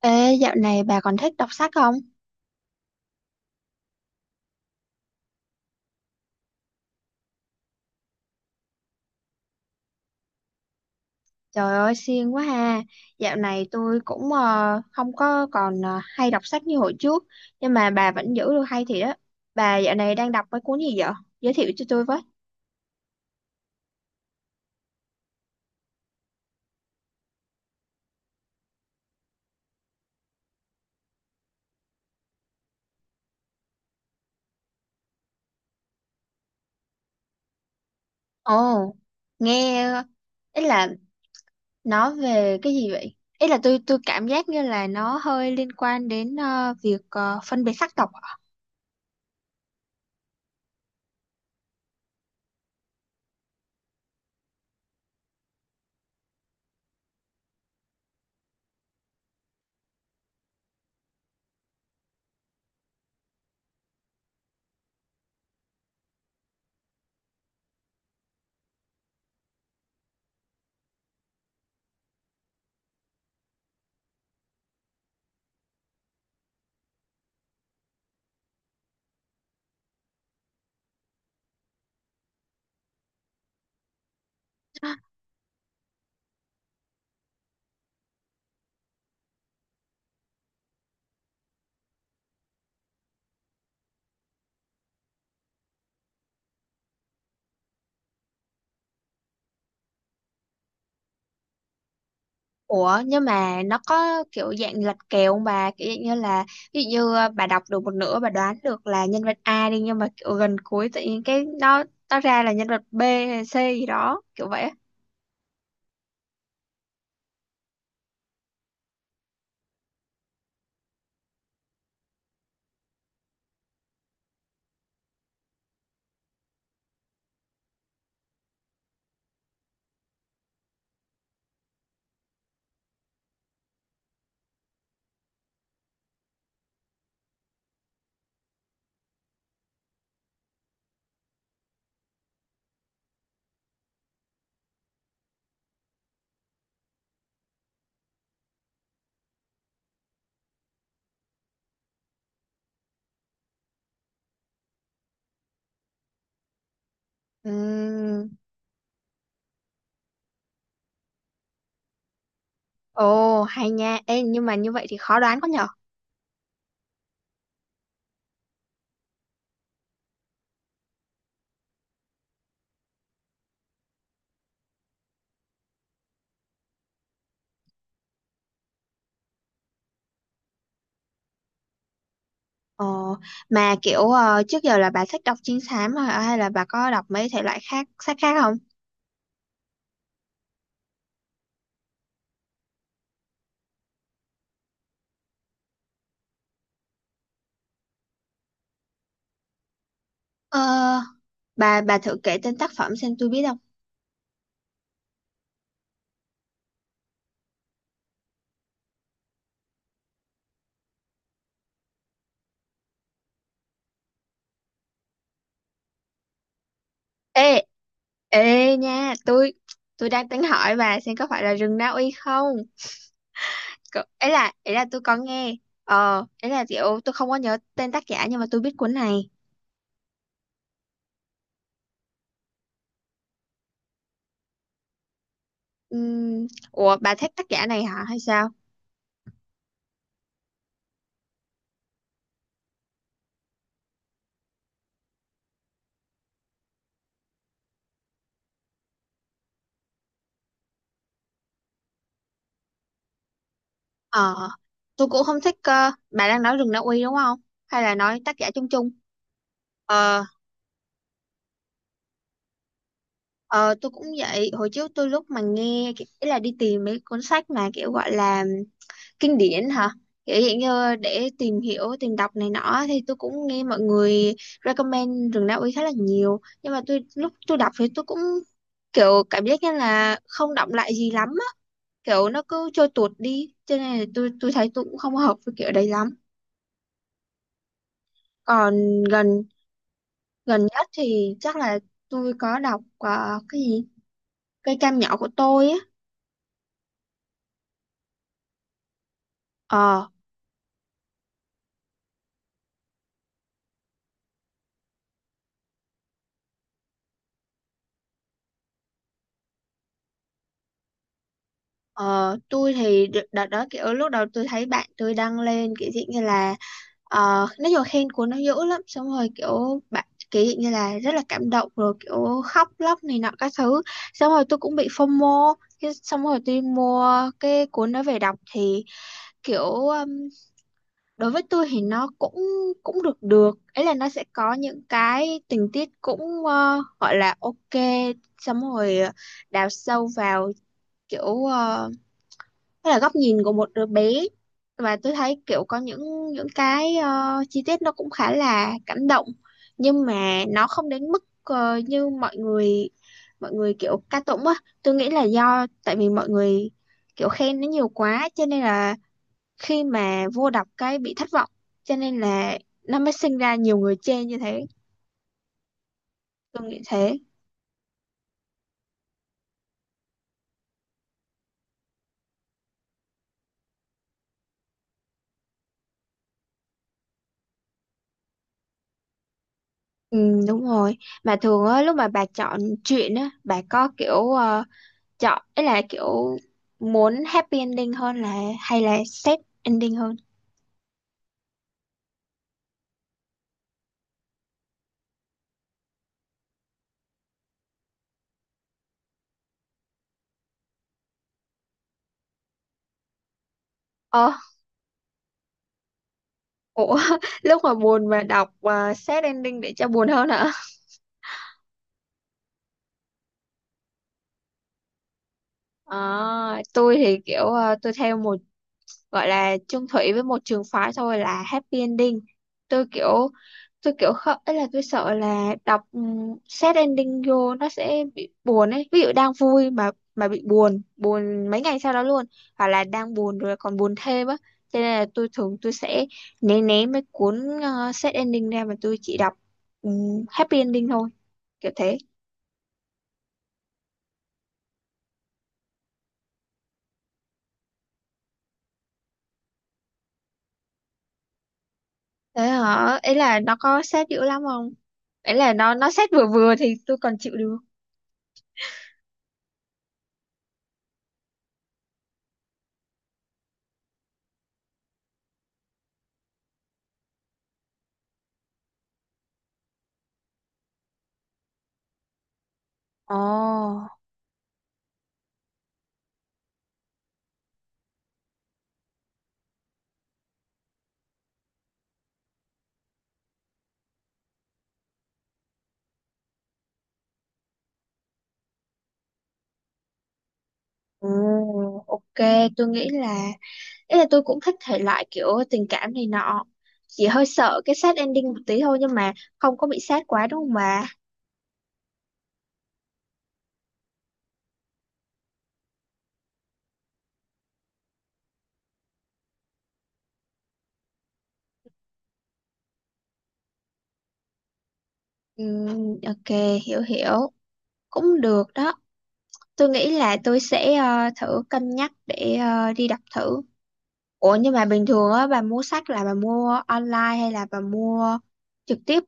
Ê, dạo này bà còn thích đọc sách không? Trời ơi, siêng quá ha. Dạo này tôi cũng không có còn hay đọc sách như hồi trước, nhưng mà bà vẫn giữ được hay thiệt đó. Bà dạo này đang đọc mấy cuốn gì vậy? Giới thiệu cho tôi với. Ồ, nghe ý là nó về cái gì vậy? Ý là tôi cảm giác như là nó hơi liên quan đến việc phân biệt sắc tộc. Ủa nhưng mà nó có kiểu dạng lật kèo không bà, kiểu dạng như là ví dụ như bà đọc được một nửa bà đoán được là nhân vật A đi, nhưng mà kiểu gần cuối tự nhiên cái nó ra là nhân vật B hay C gì đó kiểu vậy á. Ừm. Ồ hay nha. Ê, nhưng mà như vậy thì khó đoán quá nhở. Ờ, mà kiểu trước giờ là bà thích đọc trinh thám hả? Hay là bà có đọc mấy thể loại khác, sách khác không? Ờ, bà thử kể tên tác phẩm xem tôi biết không. Ê, ê nha, tôi đang tính hỏi bà xem có phải là rừng Na Uy không? C ấy là tôi có nghe. Ờ, ấy là kiểu tôi không có nhớ tên tác giả nhưng mà tôi biết cuốn này. Ừm, ủa bà thích tác giả này hả hay sao? Ờ, tôi cũng không thích. Ờ, bà đang nói rừng Na Uy đúng không? Hay là nói tác giả chung chung? Ờ, ờ tôi cũng vậy, hồi trước tôi lúc mà nghe, ý là đi tìm mấy cuốn sách mà kiểu gọi là kinh điển hả, kiểu hiện như để tìm hiểu tìm đọc này nọ, thì tôi cũng nghe mọi người recommend rừng Na Uy khá là nhiều, nhưng mà tôi lúc tôi đọc thì tôi cũng kiểu cảm giác như là không đọng lại gì lắm á, kiểu nó cứ trôi tuột đi, cho nên là tôi thấy tôi cũng không hợp với kiểu đấy lắm. Còn gần gần nhất thì chắc là tôi có đọc cái gì, cây cam nhỏ của tôi á. Ờ. Ờ, tôi thì đợt đó kiểu lúc đầu tôi thấy bạn tôi đăng lên kiểu dạng như là ờ, nói chung là khen cuốn nó dữ lắm, xong rồi kiểu bạn kiểu dạng như là rất là cảm động, rồi kiểu khóc lóc này nọ các thứ, xong rồi tôi cũng bị FOMO. Thế xong rồi tôi mua cái cuốn đó về đọc thì kiểu đối với tôi thì nó cũng cũng được được, ấy là nó sẽ có những cái tình tiết cũng gọi là ok, xong rồi đào sâu vào kiểu hay là góc nhìn của một đứa bé, và tôi thấy kiểu có những cái chi tiết nó cũng khá là cảm động, nhưng mà nó không đến mức như mọi người kiểu ca tụng á. Tôi nghĩ là do tại vì mọi người kiểu khen nó nhiều quá cho nên là khi mà vô đọc cái bị thất vọng, cho nên là nó mới sinh ra nhiều người chê như thế, tôi nghĩ thế. Ừ, đúng rồi. Mà thường á lúc mà bà chọn truyện á, bà có kiểu chọn ấy là kiểu muốn happy ending hơn là, hay là sad ending hơn? Ờ ủa lúc mà buồn mà đọc sad ending để cho buồn hơn hả? Ờ, tôi thì kiểu tôi theo một, gọi là chung thủy với một trường phái thôi, là happy ending. Tôi kiểu không, ấy là tôi sợ là đọc sad ending vô nó sẽ bị buồn ấy, ví dụ đang vui mà bị buồn buồn mấy ngày sau đó luôn, hoặc là đang buồn rồi còn buồn thêm á, cho nên là tôi thường tôi sẽ né né mấy cuốn sad ending ra, mà tôi chỉ đọc happy ending thôi, kiểu thế. Thế hả, ấy là nó có sad dữ lắm không? Ấy là nó sad vừa vừa thì tôi còn chịu được. Ồ, ừ, ok, tôi nghĩ là. Ý là tôi cũng thích thể loại kiểu tình cảm này nọ. Chỉ hơi sợ cái sad ending một tí thôi, nhưng mà không có bị sad quá đúng không bà? Ok, hiểu hiểu. Cũng được đó. Tôi nghĩ là tôi sẽ thử cân nhắc để đi đọc thử. Ủa nhưng mà bình thường á bà mua sách là bà mua online hay là bà mua trực tiếp?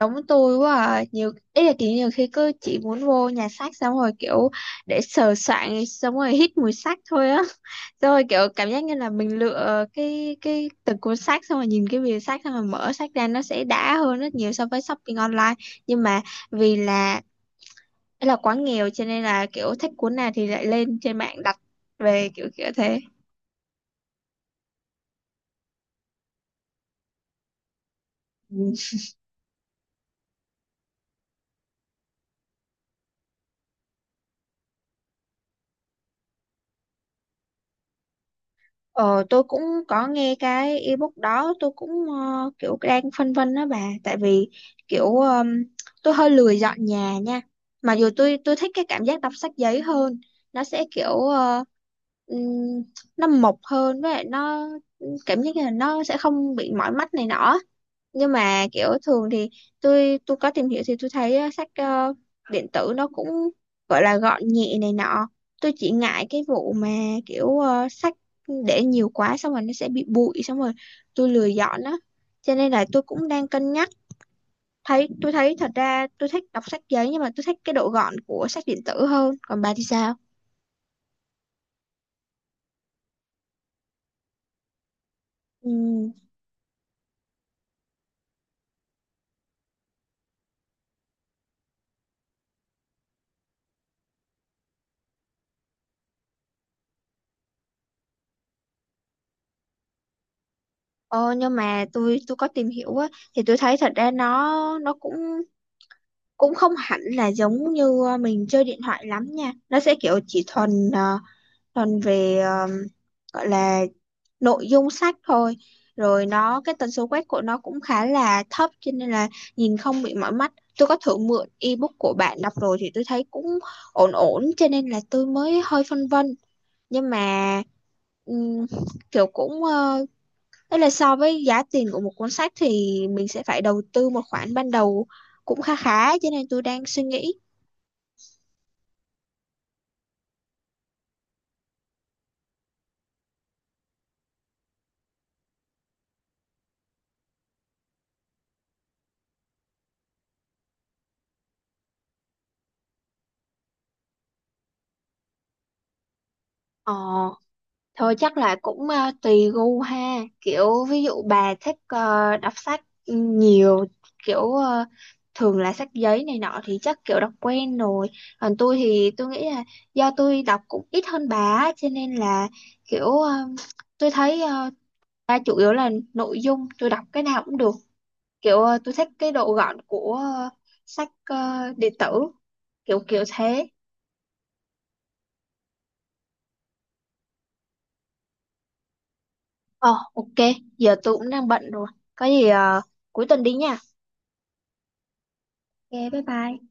Giống tôi quá à. Nhiều, ý là kiểu nhiều khi cứ chỉ muốn vô nhà xác xong rồi kiểu để sờ soạng xong rồi hít mùi xác thôi á. Xong rồi kiểu cảm giác như là mình lựa cái từng cuốn xác, xong rồi nhìn cái bìa xác, xong rồi mở xác ra nó sẽ đã hơn rất nhiều so với shopping online. Nhưng mà vì là, ý là quá nghèo cho nên là kiểu thích cuốn nào thì lại lên trên mạng đặt về, kiểu kiểu thế. Ờ, tôi cũng có nghe cái ebook đó, tôi cũng kiểu đang phân vân đó bà, tại vì kiểu tôi hơi lười dọn nhà nha, mà dù tôi thích cái cảm giác đọc sách giấy hơn, nó sẽ kiểu ừm, nó mộc hơn với lại nó cảm giác như là nó sẽ không bị mỏi mắt này nọ. Nhưng mà kiểu thường thì tôi có tìm hiểu thì tôi thấy sách điện tử nó cũng gọi là gọn nhẹ này nọ. Tôi chỉ ngại cái vụ mà kiểu sách để nhiều quá xong rồi nó sẽ bị bụi, xong rồi tôi lười dọn á, cho nên là tôi cũng đang cân nhắc. Thấy tôi thấy thật ra tôi thích đọc sách giấy nhưng mà tôi thích cái độ gọn của sách điện tử hơn, còn bà thì sao? Ừ. Ờ, nhưng mà tôi có tìm hiểu á, thì tôi thấy thật ra nó cũng cũng không hẳn là giống như mình chơi điện thoại lắm nha, nó sẽ kiểu chỉ thuần thuần về gọi là nội dung sách thôi, rồi nó cái tần số quét của nó cũng khá là thấp cho nên là nhìn không bị mỏi mắt. Tôi có thử mượn ebook của bạn đọc rồi thì tôi thấy cũng ổn ổn, cho nên là tôi mới hơi phân vân. Nhưng mà ừm, kiểu cũng ấy là so với giá tiền của một cuốn sách thì mình sẽ phải đầu tư một khoản ban đầu cũng khá khá, cho nên tôi đang suy nghĩ. Ờ. Thôi chắc là cũng tùy gu ha, kiểu ví dụ bà thích đọc sách nhiều, kiểu thường là sách giấy này nọ thì chắc kiểu đọc quen rồi, còn tôi thì tôi nghĩ là do tôi đọc cũng ít hơn bà á, cho nên là kiểu tôi thấy ba chủ yếu là nội dung, tôi đọc cái nào cũng được, kiểu tôi thích cái độ gọn của sách điện tử, kiểu kiểu thế. Ờ ok, giờ tôi cũng đang bận rồi, có gì cuối tuần đi nha. Ok, bye bye.